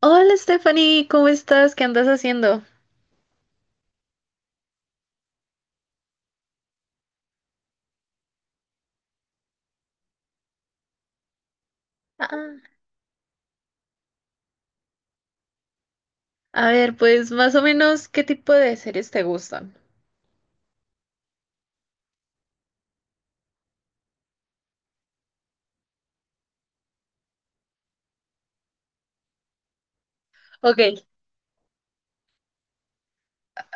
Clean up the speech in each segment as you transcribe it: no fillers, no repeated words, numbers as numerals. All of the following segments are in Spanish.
Hola Stephanie, ¿cómo estás? ¿Qué andas haciendo? Ah, a ver, pues más o menos, ¿qué tipo de series te gustan? Ok,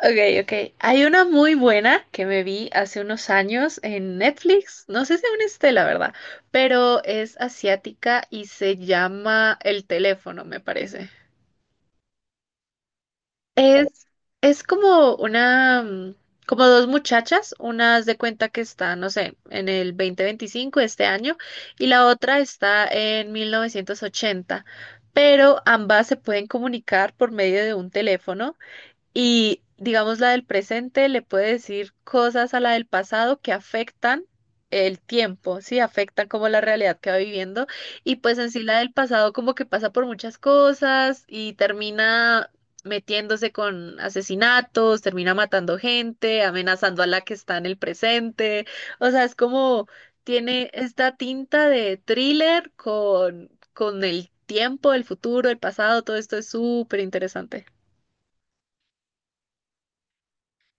ok, ok. Hay una muy buena que me vi hace unos años en Netflix. No sé si aún esté, la verdad, pero es asiática y se llama El teléfono, me parece. Es, es como una, como dos muchachas, una haz de cuenta que está, no sé, en el 2025 de este año y la otra está en 1980, pero ambas se pueden comunicar por medio de un teléfono y digamos, la del presente le puede decir cosas a la del pasado que afectan el tiempo, sí, afectan como la realidad que va viviendo. Y pues en sí la del pasado como que pasa por muchas cosas y termina metiéndose con asesinatos, termina matando gente, amenazando a la que está en el presente. O sea, es como tiene esta tinta de thriller con el tiempo, el futuro, el pasado, todo esto es súper interesante.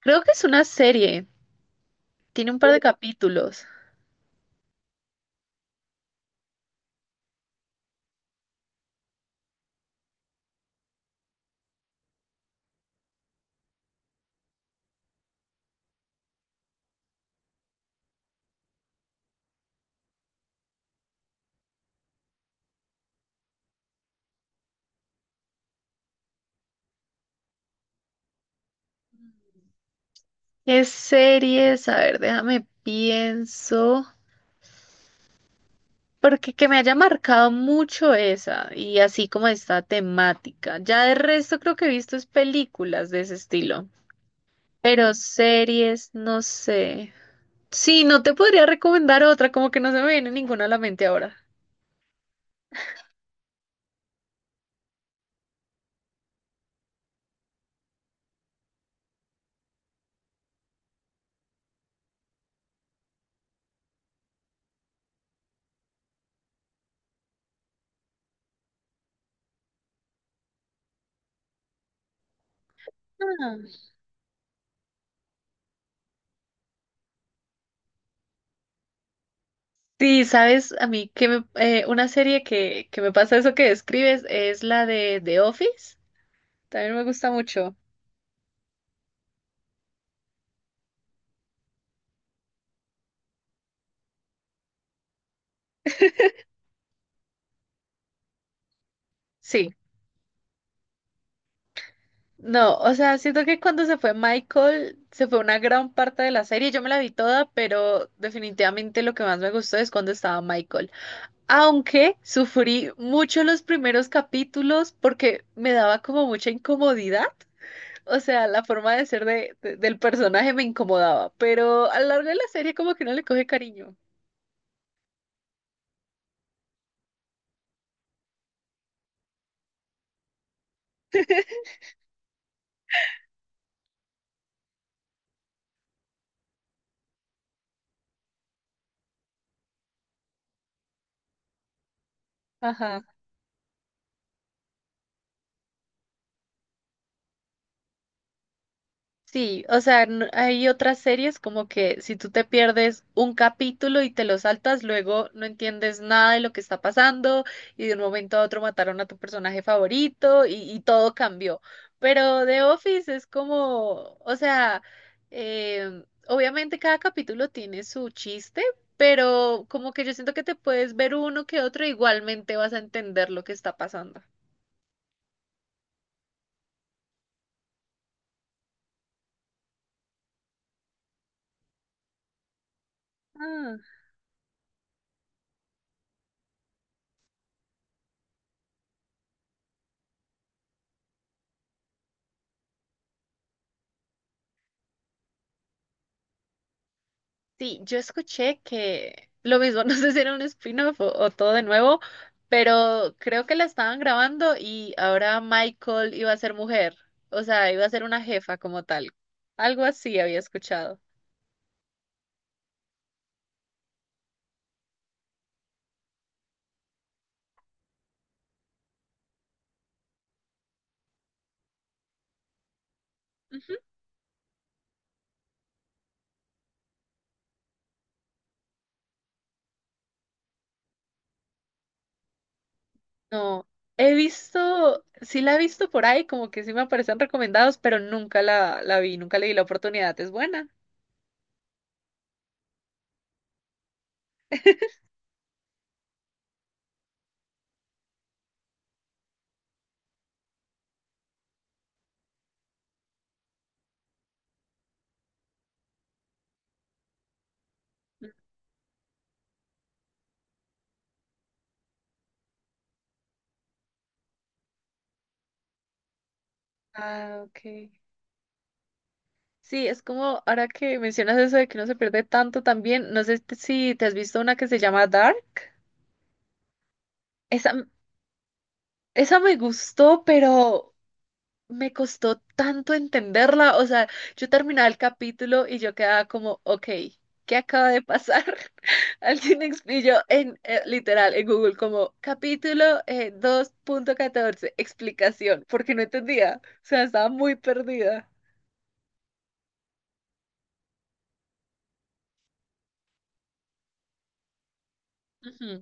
Creo que es una serie. Tiene un par de capítulos. ¿Qué series? A ver, déjame pienso. Porque que me haya marcado mucho esa y así como esta temática. Ya de resto creo que he visto es películas de ese estilo. Pero series, no sé. Sí, no te podría recomendar otra, como que no se me viene ninguna a la mente ahora. Ah. Sí, sabes, a mí que me- una serie que me pasa eso que describes es la de The Office. También me gusta mucho. Sí. No, o sea, siento que cuando se fue Michael, se fue una gran parte de la serie. Yo me la vi toda, pero definitivamente lo que más me gustó es cuando estaba Michael. Aunque sufrí mucho los primeros capítulos porque me daba como mucha incomodidad. O sea, la forma de ser del personaje me incomodaba, pero a lo largo de la serie como que no le coge cariño. Ajá. Hay otras series como que si tú te pierdes un capítulo y te lo saltas, luego no entiendes nada de lo que está pasando y de un momento a otro mataron a tu personaje favorito y todo cambió. Pero The Office es como, o sea, obviamente cada capítulo tiene su chiste, pero como que yo siento que te puedes ver uno que otro, igualmente vas a entender lo que está pasando. Sí, yo escuché que lo mismo, no sé si era un spin-off o todo de nuevo, pero creo que la estaban grabando y ahora Michael iba a ser mujer, o sea, iba a ser una jefa como tal. Algo así había escuchado. Ujú. No, he visto, sí la he visto por ahí, como que sí me aparecen recomendados, pero nunca la vi, nunca le di la oportunidad. Es buena. Ah, ok. Sí, es como ahora que mencionas eso de que no se pierde tanto también, no sé si te has visto una que se llama Dark. Esa, Esa me gustó, pero me costó tanto entenderla. O sea, yo terminaba el capítulo y yo quedaba como, ok, ¿qué acaba de pasar? Alguien explicó en, literal, en Google, como capítulo 2.14 explicación, porque no entendía. O sea, estaba muy perdida. Ujú.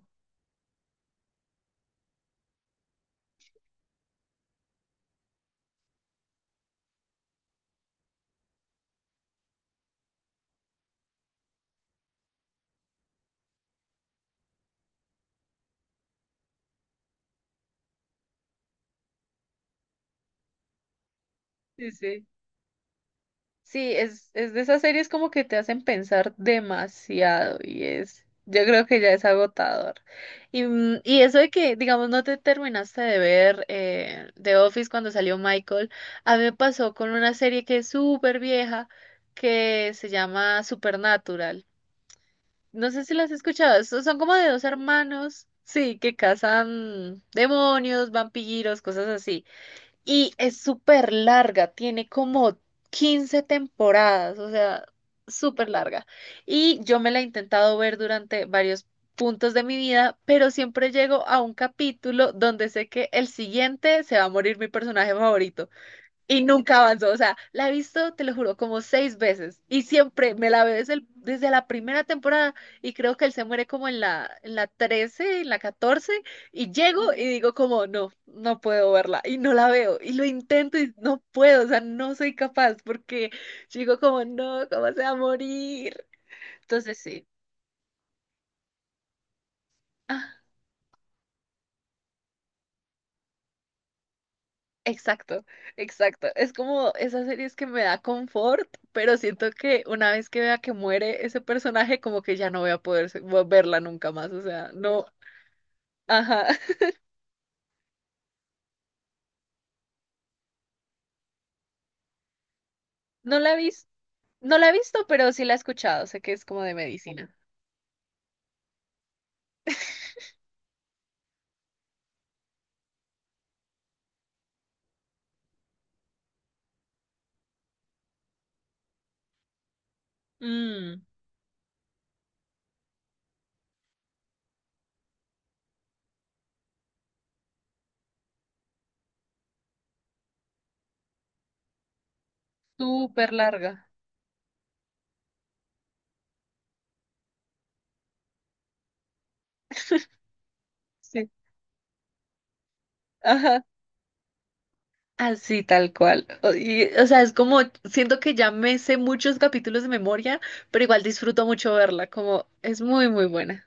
Sí, sí. Sí, es de esas series como que te hacen pensar demasiado y es, yo creo que ya es agotador. Y, y eso de que, digamos, no te terminaste de ver The Office cuando salió Michael, a mí me pasó con una serie que es súper vieja que se llama Supernatural. No sé si las has escuchado, son como de dos hermanos, sí, que cazan demonios, vampiros, cosas así. Y es súper larga, tiene como 15 temporadas, o sea, súper larga. Y yo me la he intentado ver durante varios puntos de mi vida, pero siempre llego a un capítulo donde sé que el siguiente se va a morir mi personaje favorito. Y nunca avanzó, o sea, la he visto, te lo juro, como 6 veces y siempre me la veo desde la primera temporada y creo que él se muere como en la 13 en la 14 y llego y digo como, no, no puedo verla y no la veo y lo intento y no puedo, o sea, no soy capaz porque digo como, no, ¿cómo se va a morir? Entonces sí. Ah. Exacto, exacto. Es como esas series que me da confort, pero siento que una vez que vea que muere ese personaje, como que ya no voy a poder verla nunca más. O sea, no, ajá. No la he visto, no la he visto, pero sí la he escuchado. Sé que es como de medicina. Mmm, súper larga. Sí. Ajá. Así tal cual. O sea, es como, siento que ya me sé muchos capítulos de memoria, pero igual disfruto mucho verla, como es muy, muy buena.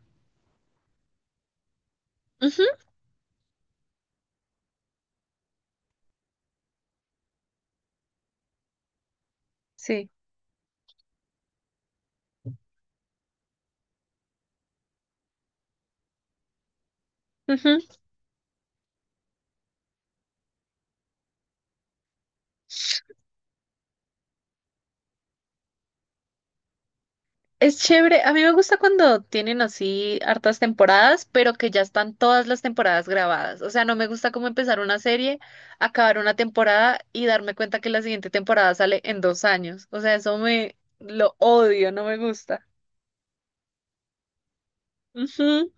Ujú. Sí. Ujú. Es chévere, a mí me gusta cuando tienen así hartas temporadas, pero que ya están todas las temporadas grabadas. O sea, no me gusta como empezar una serie, acabar una temporada y darme cuenta que la siguiente temporada sale en 2 años. O sea, eso me lo odio, no me gusta. Ujú.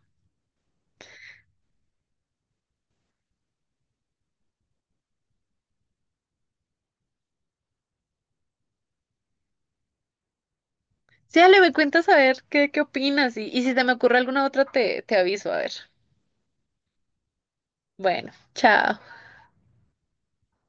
Sí, dale, me cuentas a ver qué opinas y si te me ocurre alguna otra te aviso, a ver. Bueno, chao.